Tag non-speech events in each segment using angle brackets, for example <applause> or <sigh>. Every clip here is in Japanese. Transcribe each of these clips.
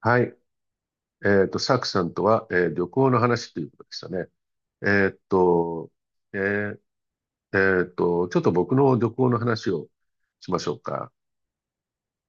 はい。サクさんとは、旅行の話ということでしたね。えっと、えーちょっと僕の旅行の話をしましょうか。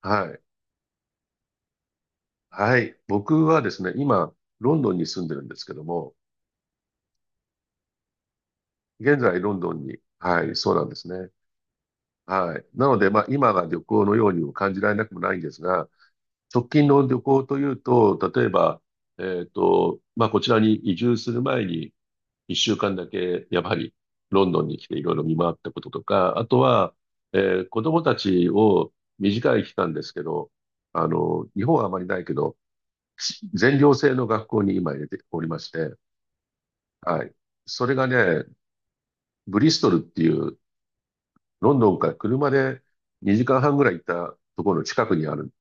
はい。はい。僕はですね、今、ロンドンに住んでるんですけども、現在ロンドンに、はい、そうなんですね。はい。なので、まあ、今が旅行のようにも感じられなくもないんですが、直近の旅行というと、例えば、まあ、こちらに移住する前に、一週間だけ、やはり、ロンドンに来ていろいろ見回ったこととか、あとは、え子供たちを短い期間ですけど、あの、日本はあまりないけど、全寮制の学校に今入れておりまして、はい。それがね、ブリストルっていう、ロンドンから車で2時間半ぐらい行ったところの近くにある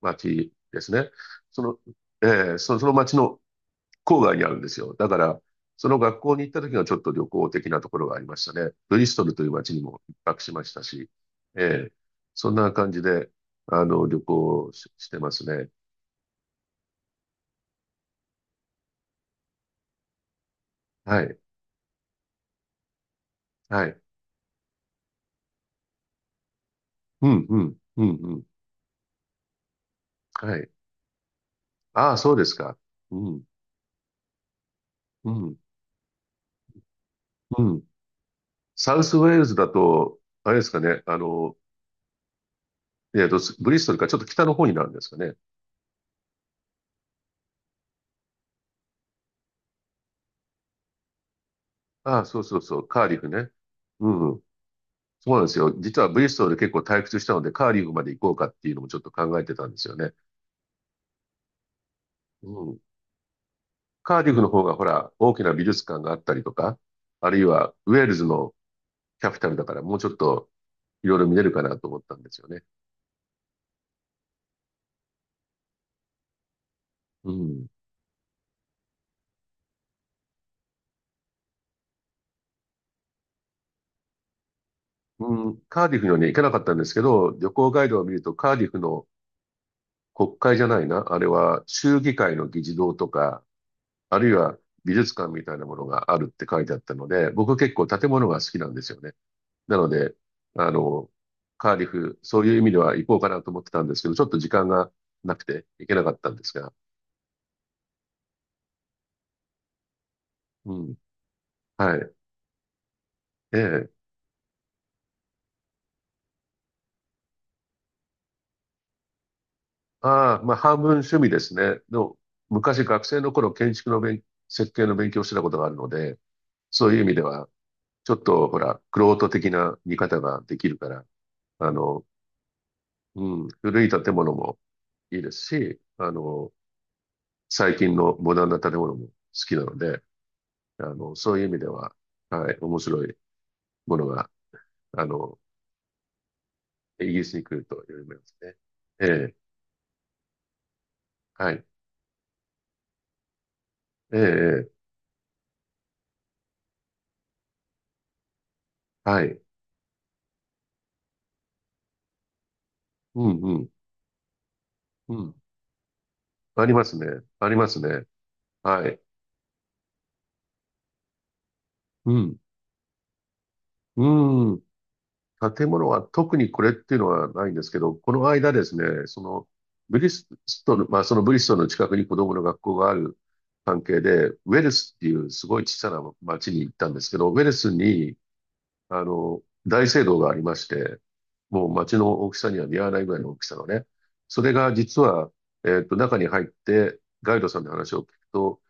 街ですね。その、えその街の郊外にあるんですよ。だから、その学校に行った時がちょっと旅行的なところがありましたね。ブリストルという街にも一泊しましたし、ええ、そんな感じで、あの、旅行をし、してますね。はい、はい。うん、うん、うん、うん。はい。ああ、そうですか。うん、うん、うん。サウスウェールズだと、あれですかね、あの、ブリストルからちょっと北の方になるんですかね。ああ、そうそうそう、カーディフね。うん、そうなんですよ。実はブリストルで結構退屈したので、カーディフまで行こうかっていうのもちょっと考えてたんですよね。うん。カーディフの方がほら、大きな美術館があったりとか、あるいはウェールズのキャピタルだからもうちょっといろいろ見れるかなと思ったんですよね。うん。うん、カーディフにはね、行けなかったんですけど、旅行ガイドを見るとカーディフの国会じゃないな、あれは州議会の議事堂とか、あるいは美術館みたいなものがあるって書いてあったので、僕結構建物が好きなんですよね。なので、あの、カーディフ、そういう意味では行こうかなと思ってたんですけど、ちょっと時間がなくて行けなかったんですが。うん。はい。ええ。ああ、まあ半分趣味ですね。の、昔学生の頃建築の設計の勉強をしてたことがあるので、そういう意味では、ちょっとほら、玄人的な見方ができるから、あの、うん、古い建物もいいですし、あの、最近のモダンな建物も好きなので、あの、そういう意味では、はい、面白いものが、あの、イギリスに来ると読めますね。ええ、はい。ええ、ええ、はい。うん、うん、うん。ありますね。ありますね。はい。うん、うん。建物は特にこれっていうのはないんですけど、この間ですね、その、ブリストル、まあそのブリストルの近くに子供の学校がある関係で、ウェルスっていうすごい小さな町に行ったんですけど、ウェルスに、あの、大聖堂がありまして、もう街の大きさには見合わないぐらいの大きさのね。それが実は、中に入って、ガイドさんの話を聞くと、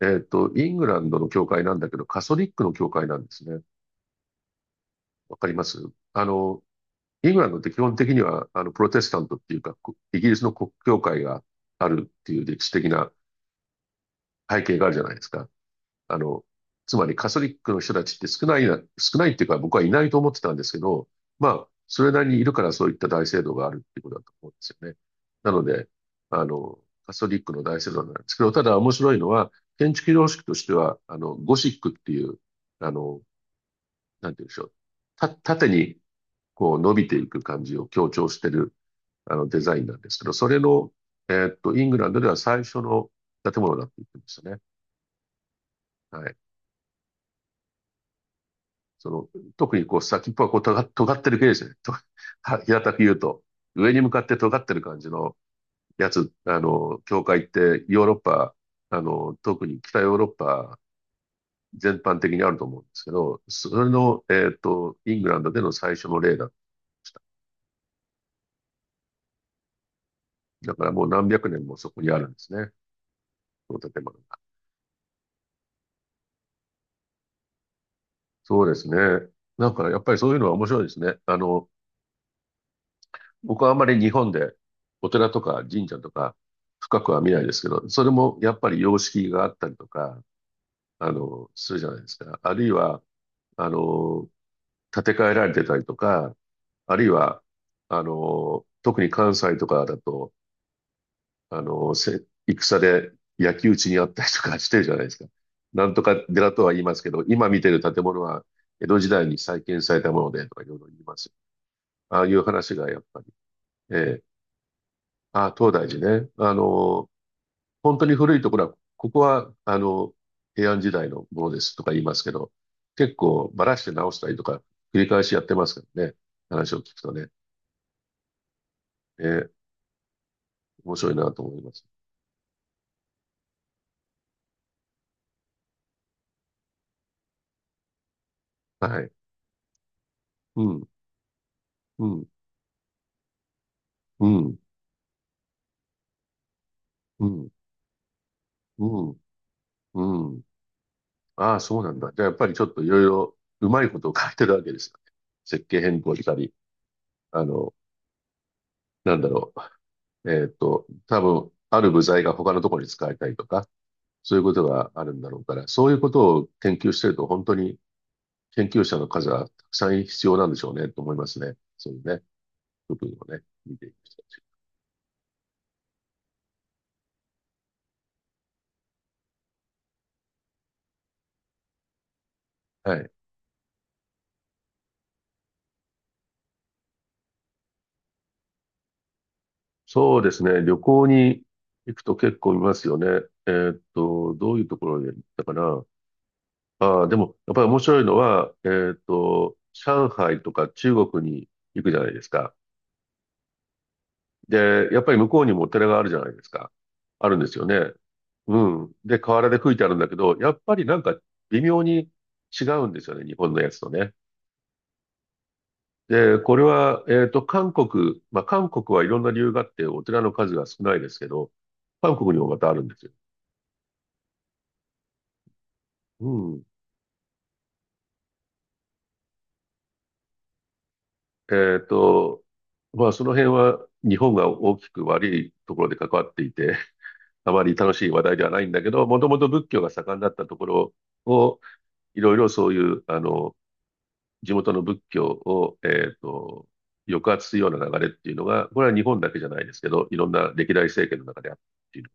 イングランドの教会なんだけど、カソリックの教会なんですね。わかります？あの、イングランドって基本的には、あの、プロテスタントっていうか、こイギリスの国教会があるっていう歴史的な背景があるじゃないですか。あの、つまりカトリックの人たちって少ないな、少ないっていうか僕はいないと思ってたんですけど、まあ、それなりにいるからそういった大聖堂があるっていうことだと思うんですよね。なので、あの、カトリックの大聖堂なんですけど、ただ面白いのは、建築様式としては、あの、ゴシックっていう、あの、なんて言うんでしょう。縦にこう伸びていく感じを強調してる、あの、デザインなんですけど、それの、イングランドでは最初の建物だって言ってましたね。はい。その、特にこう先っぽがこう尖ってる系ですよね。とは平たく言うと、上に向かって尖ってる感じのやつ、あの、教会ってヨーロッパ、あの、特に北ヨーロッパ全般的にあると思うんですけど、それの、イングランドでの最初の例だった。だからもう何百年もそこにあるんですね。その建物が。そうですね。なんかやっぱりそういうのは面白いですね。あの、僕はあまり日本でお寺とか神社とか深くは見ないですけど、それもやっぱり様式があったりとか、あの、するじゃないですか。あるいは、あの、建て替えられてたりとか、あるいは、あの、特に関西とかだと、あの、戦で焼き討ちにあったりとか <laughs> してるじゃないですか。なんとか寺とは言いますけど、今見てる建物は江戸時代に再建されたものでとかいろいろ言います。ああいう話がやっぱり、ええ、ああ、東大寺ね。あの、本当に古いところは、ここは、あの、平安時代のものですとか言いますけど、結構ばらして直したりとか、繰り返しやってますからね。話を聞くとね。えー面白いなと思います。はい。うん、うん、うん、うん、うん、うん。ああ、そうなんだ。じゃあやっぱりちょっといろいろうまいことを書いてるわけですよね。設計変更したり、あの、なんだろう。多分、ある部材が他のところに使えたりとか、そういうことがあるんだろうから、そういうことを研究してると本当に研究者の数はたくさん必要なんでしょうね、と思いますね。そういうね、部分をね、見ていくと。はい。そうですね、旅行に行くと結構見ますよね。どういうところに行ったかな。ああ、でも、やっぱり面白いのは、上海とか中国に行くじゃないですか。で、やっぱり向こうにもお寺があるじゃないですか。あるんですよね。うん。で、河原で吹いてあるんだけど、やっぱりなんか微妙に違うんですよね、日本のやつとね。で、これは、韓国、まあ、韓国はいろんな理由があって、お寺の数が少ないですけど、韓国にもまたあるんですよ。うん。えっと、まあ、その辺は日本が大きく悪いところで関わっていて、<laughs> あまり楽しい話題ではないんだけど、もともと仏教が盛んだったところを、いろいろそういう、あの、地元の仏教を、抑圧するような流れっていうのが、これは日本だけじゃないですけど、いろんな歴代政権の中であったっていうの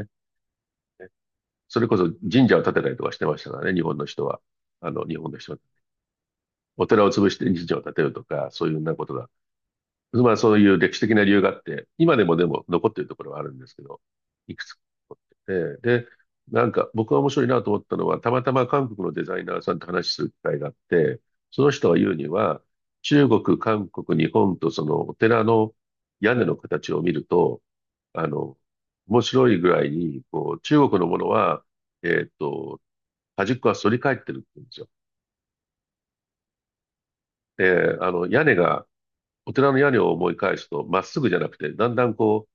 がね。それこそ神社を建てたりとかしてましたからね、日本の人は。日本の人は。お寺を潰して神社を建てるとか、そういうようなことが。まあそういう歴史的な理由があって、今でも残っているところはあるんですけど、いくつかあって。で、なんか僕が面白いなと思ったのは、たまたま韓国のデザイナーさんと話しする機会があって、その人が言うには、中国、韓国、日本とそのお寺の屋根の形を見ると、あの、面白いぐらいに、こう、中国のものは、えっと、端っこは反り返ってるって言うんですよ。で、屋根が、お寺の屋根を思い返すと、まっすぐじゃなくて、だんだんこう、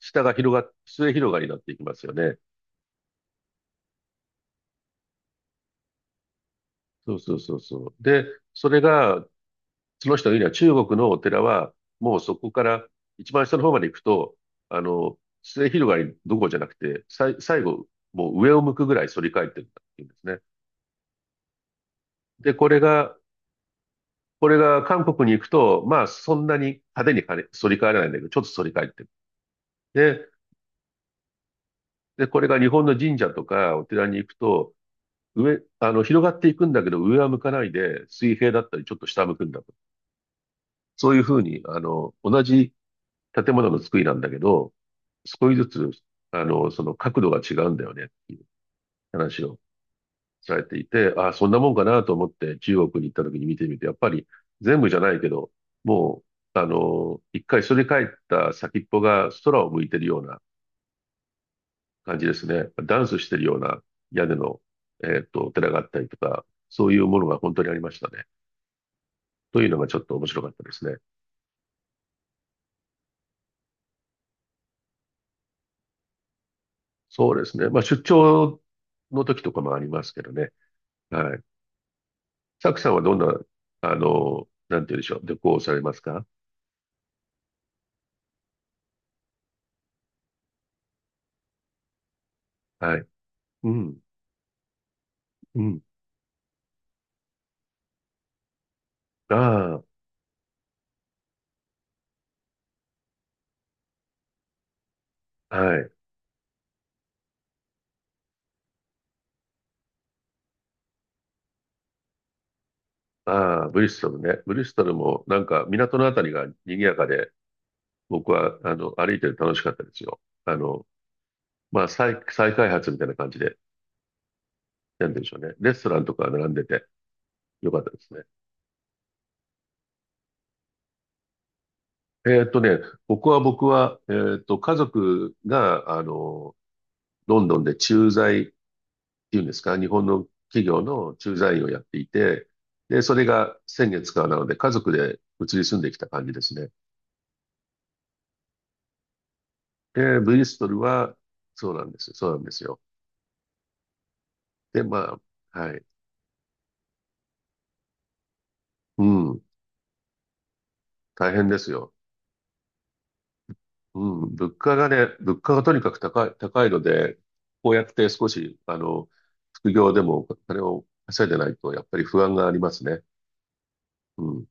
下が広がっ、末広がりになっていきますよね。そうそうそうそう。で、それが、その人が言うには中国のお寺は、もうそこから一番下の方まで行くと、末広がりどころじゃなくて、最後、もう上を向くぐらい反り返ってるんだっていうんですね。で、これが韓国に行くと、まあそんなに派手に反り返らないんだけど、ちょっと反り返ってる。で、で、これが日本の神社とかお寺に行くと、上、あの、広がっていくんだけど、上は向かないで、水平だったり、ちょっと下向くんだと。そういうふうに、同じ建物の作りなんだけど、少しずつ、その角度が違うんだよねっていう話をされていて、ああ、そんなもんかなと思って中国に行った時に見てみて、やっぱり全部じゃないけど、もう、あの、一回それ帰った先っぽが空を向いてるような感じですね。ダンスしてるような屋根の、お寺があったりとか、そういうものが本当にありましたね。というのがちょっと面白かったですね。そうですね。まあ、出張の時とかもありますけどね。はい。サクさんはどんな、なんて言うんでしょう。旅行をされますか？はい。うん。うん。ああ、はい。ああ、ブリストルね。ブリストルもなんか港のあたりが賑やかで、僕は、歩いてて楽しかったですよ。再開発みたいな感じで、なんでしょうね。レストランとか並んでてよかったですね。えーっとね、僕は、家族が、ロンドンで駐在っていうんですか、日本の企業の駐在員をやっていて、で、それが先月からなので、家族で移り住んできた感じですね。で、ブリストルは、そうなんです。そうなんですよ。で、まあ、はい。うん、大変ですよ。うん、物価がね、物価がとにかく高いので、こうやって少し、副業でもお金を稼いでないと、やっぱり不安がありますね。う